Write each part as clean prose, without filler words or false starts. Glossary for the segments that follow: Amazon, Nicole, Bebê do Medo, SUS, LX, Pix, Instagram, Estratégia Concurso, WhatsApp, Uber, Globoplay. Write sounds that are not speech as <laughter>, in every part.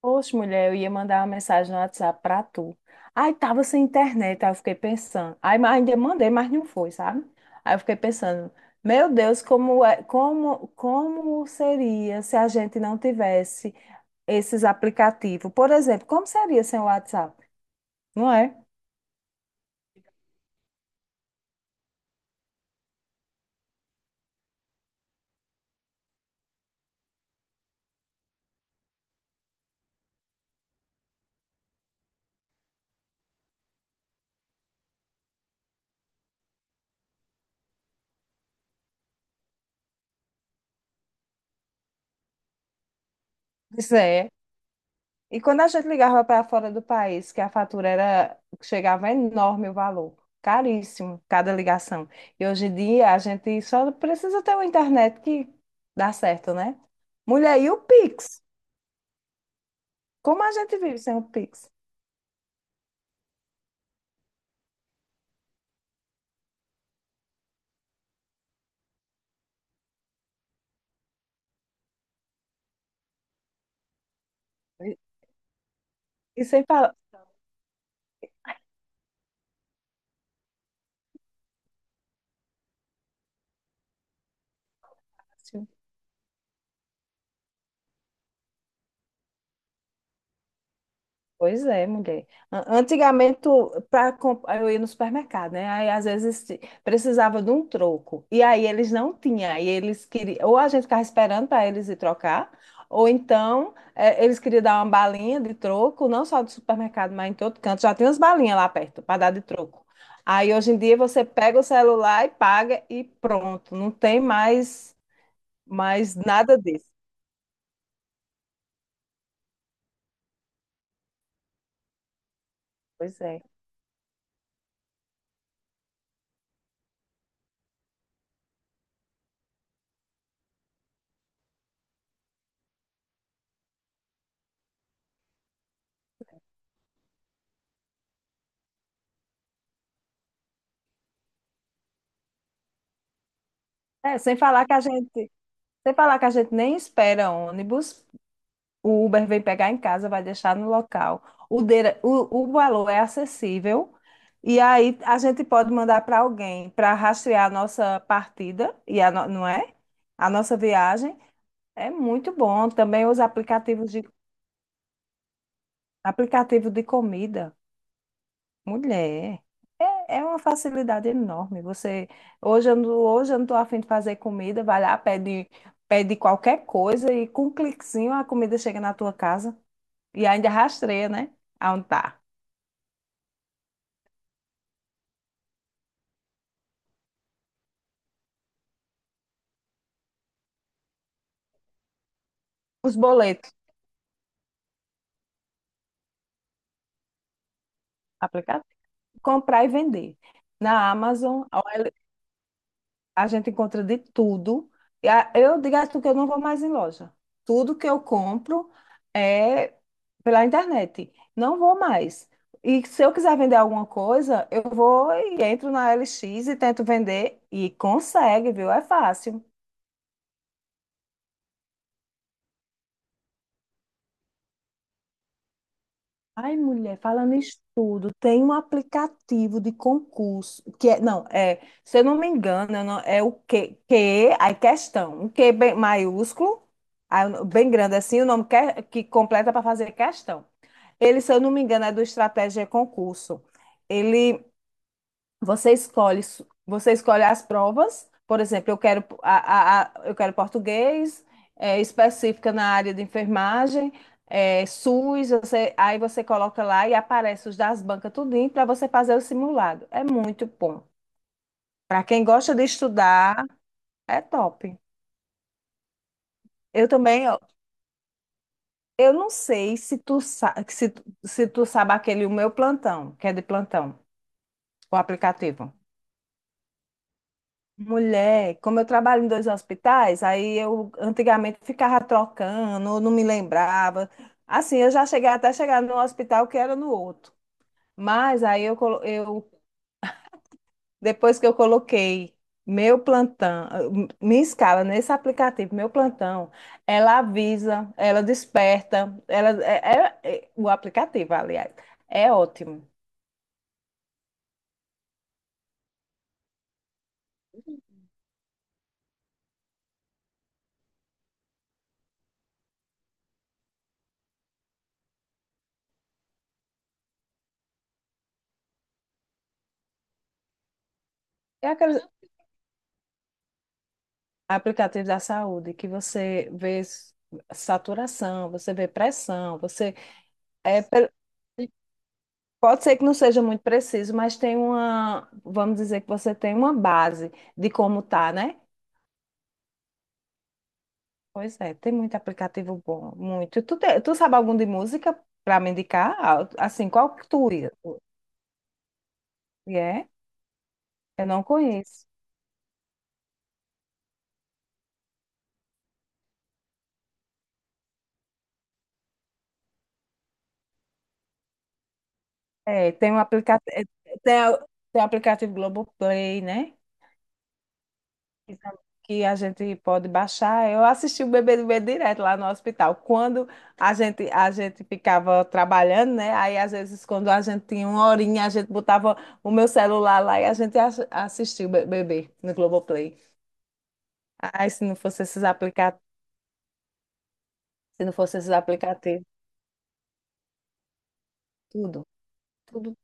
Poxa, mulher, eu ia mandar uma mensagem no WhatsApp pra tu. Aí tava sem internet, aí eu fiquei pensando. Aí ainda mandei, mas não foi, sabe? Aí eu fiquei pensando, meu Deus, como seria se a gente não tivesse esses aplicativos? Por exemplo, como seria sem o WhatsApp? Não é? Pois é. E quando a gente ligava para fora do país, que a fatura era, chegava enorme o valor, caríssimo cada ligação. E hoje em dia a gente só precisa ter uma internet que dá certo, né? Mulher, e o Pix? Como a gente vive sem o Pix? E e sem falar. Assim, pois é, mulher. Antigamente, para eu ia no supermercado, né? Aí às vezes precisava de um troco. E aí eles não tinham. Aí eles queriam, ou a gente ficava esperando para eles ir trocar, ou então eles queriam dar uma balinha de troco, não só do supermercado, mas em todo canto. Já tem umas balinhas lá perto para dar de troco. Aí hoje em dia você pega o celular e paga e pronto. Mais nada disso. Pois é. É, sem falar que a gente, sem falar que a gente nem espera ônibus. O Uber vem pegar em casa, vai deixar no local. O valor é acessível. E aí a gente pode mandar para alguém para rastrear a nossa partida, e a no- não é? A nossa viagem. É muito bom. Também aplicativo de comida. Mulher, é uma facilidade enorme. Você, hoje eu não estou afim de fazer comida, vai lá, pede qualquer coisa e com um cliquezinho a comida chega na tua casa. E ainda rastreia, né? Aonde tá. Os boletos, aplicativo. Comprar e vender. Na Amazon, a gente encontra de tudo. Eu digo a tu que eu não vou mais em loja. Tudo que eu compro é pela internet. Não vou mais. E se eu quiser vender alguma coisa, eu vou e entro na LX e tento vender. E consegue, viu? É fácil. Ai, mulher, falando em estudo, tem um aplicativo de concurso, que é, não, é, se eu não me engano, eu não- é aí questão, um que bem maiúsculo, bem grande assim, o nome que completa para fazer questão. Ele, se eu não me engano, é do Estratégia Concurso. Ele você escolhe as provas. Por exemplo, eu quero, a- eu quero português, específica na área de enfermagem, SUS. Aí você coloca lá e aparece os das bancas tudinho para você fazer o simulado. É muito bom. Para quem gosta de estudar, é top. Eu também, ó, eu não sei se tu, sa- se, tu- se tu sabe aquele o meu plantão, que é de plantão, o aplicativo. Mulher, como eu trabalho em 2 hospitais, aí eu antigamente ficava trocando, eu não me lembrava. Assim, eu já cheguei até chegar no hospital que era no outro. Mas aí eu, colo- eu depois que eu coloquei meu plantão, minha escala nesse aplicativo, meu plantão, ela avisa, ela desperta, ela é, é- é- o aplicativo, aliás, é ótimo. É aquele aplicativo da saúde que você vê saturação, você vê pressão, você É, pode ser que não seja muito preciso, mas tem uma, vamos dizer que você tem uma base de como tá, né? Pois é, tem muito aplicativo bom, muito. Tu sabe algum de música para me indicar? Ah, assim, qual que tu ia- e é? Eu não conheço. É, tem um aplicativo, tem, a- tem o aplicativo Globoplay, né? Que a gente pode baixar. Eu assisti o Bebê do Medo direto lá no hospital. Quando a gente ficava trabalhando, né? Aí às vezes quando a gente tinha uma horinha, a gente botava o meu celular lá e a gente assistia o Bebê no Globoplay. Ai, se não fosse esses aplicativos, tudo, tudo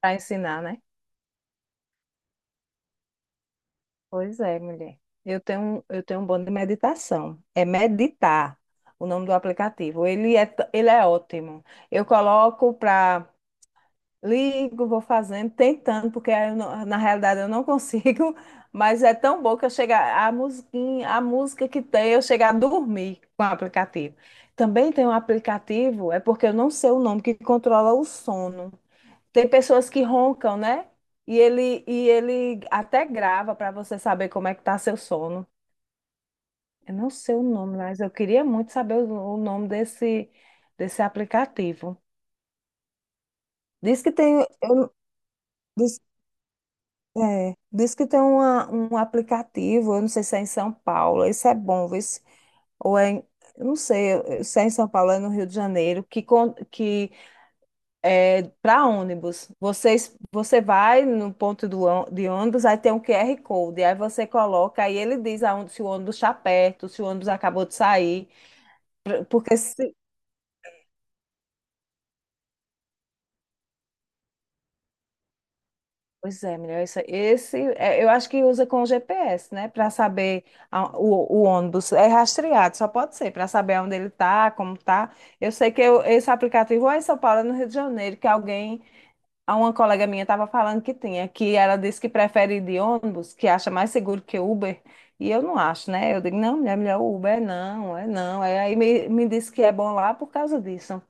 para ensinar, né? Pois é, mulher. Eu tenho um bom de meditação. É meditar o nome do aplicativo. Ele é, ele é ótimo. Eu coloco para ligo, vou fazendo, tentando, porque aí eu não- na realidade eu não consigo, <laughs> mas é tão bom que a musiquinha, a música que tem, eu chego a dormir com o aplicativo. Também tem um aplicativo, é porque eu não sei o nome, que controla o sono. Tem pessoas que roncam, né? E ele até grava para você saber como é que tá seu sono. Eu não sei o nome, mas eu queria muito saber o nome desse, desse aplicativo. Diz que tem, eu- diz É, diz que tem um aplicativo, eu não sei se é em São Paulo, isso é bom, vê se- ou é, em- eu não sei se é em São Paulo, é no Rio de Janeiro, que é para ônibus. Vocês, você vai no ponto de ônibus, aí tem um QR Code, aí você coloca, aí ele diz aonde, se o ônibus está perto, se o ônibus acabou de sair, pra- porque pois é, melhor esse, eu acho que usa com o GPS, né, para saber o ônibus é rastreado, só pode ser para saber onde ele tá, como tá. Eu sei esse aplicativo ou é em São Paulo, é no Rio de Janeiro, que alguém, a uma colega minha estava falando que tinha, que ela disse que prefere ir de ônibus, que acha mais seguro que Uber, e eu não acho, né? Eu digo, não, mulher, melhor Uber, é não, é não. Me disse que é bom lá por causa disso.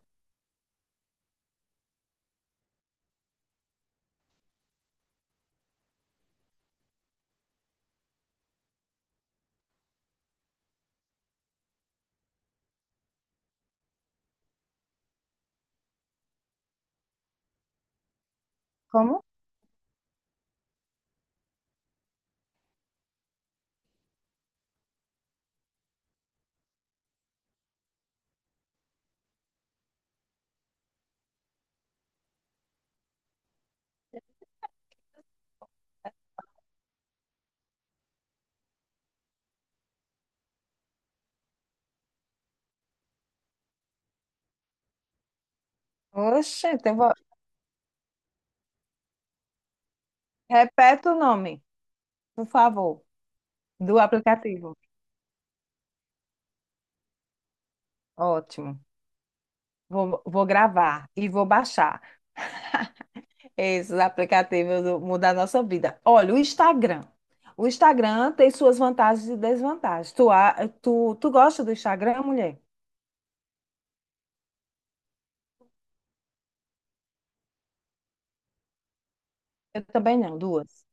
Como? Oxe, eu vou... repete o nome, por favor, do aplicativo. Ótimo. Vou gravar e vou baixar esses aplicativos mudar a nossa vida. Olha, o Instagram. O Instagram tem suas vantagens e desvantagens. Tu gosta do Instagram, mulher? Eu também não, duas.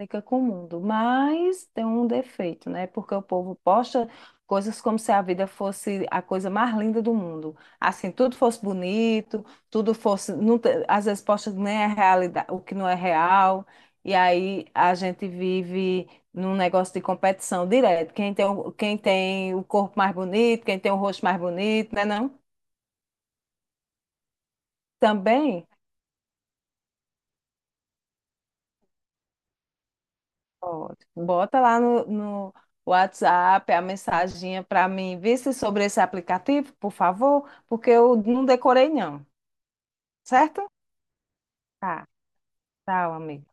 Fica com o mundo, mas tem um defeito, né? Porque o povo posta coisas como se a vida fosse a coisa mais linda do mundo. Assim, tudo fosse bonito, tudo fosse. Não te- Às vezes posta nem a realidade, o que não é real. E aí a gente vive num negócio de competição direto. Quem tem o corpo mais bonito, quem tem o rosto mais bonito, né? Não? Também. Ótimo. Bota lá no WhatsApp a mensaginha para mim, vê se sobre esse aplicativo, por favor, porque eu não decorei não, certo? Tá, tchau, amigo.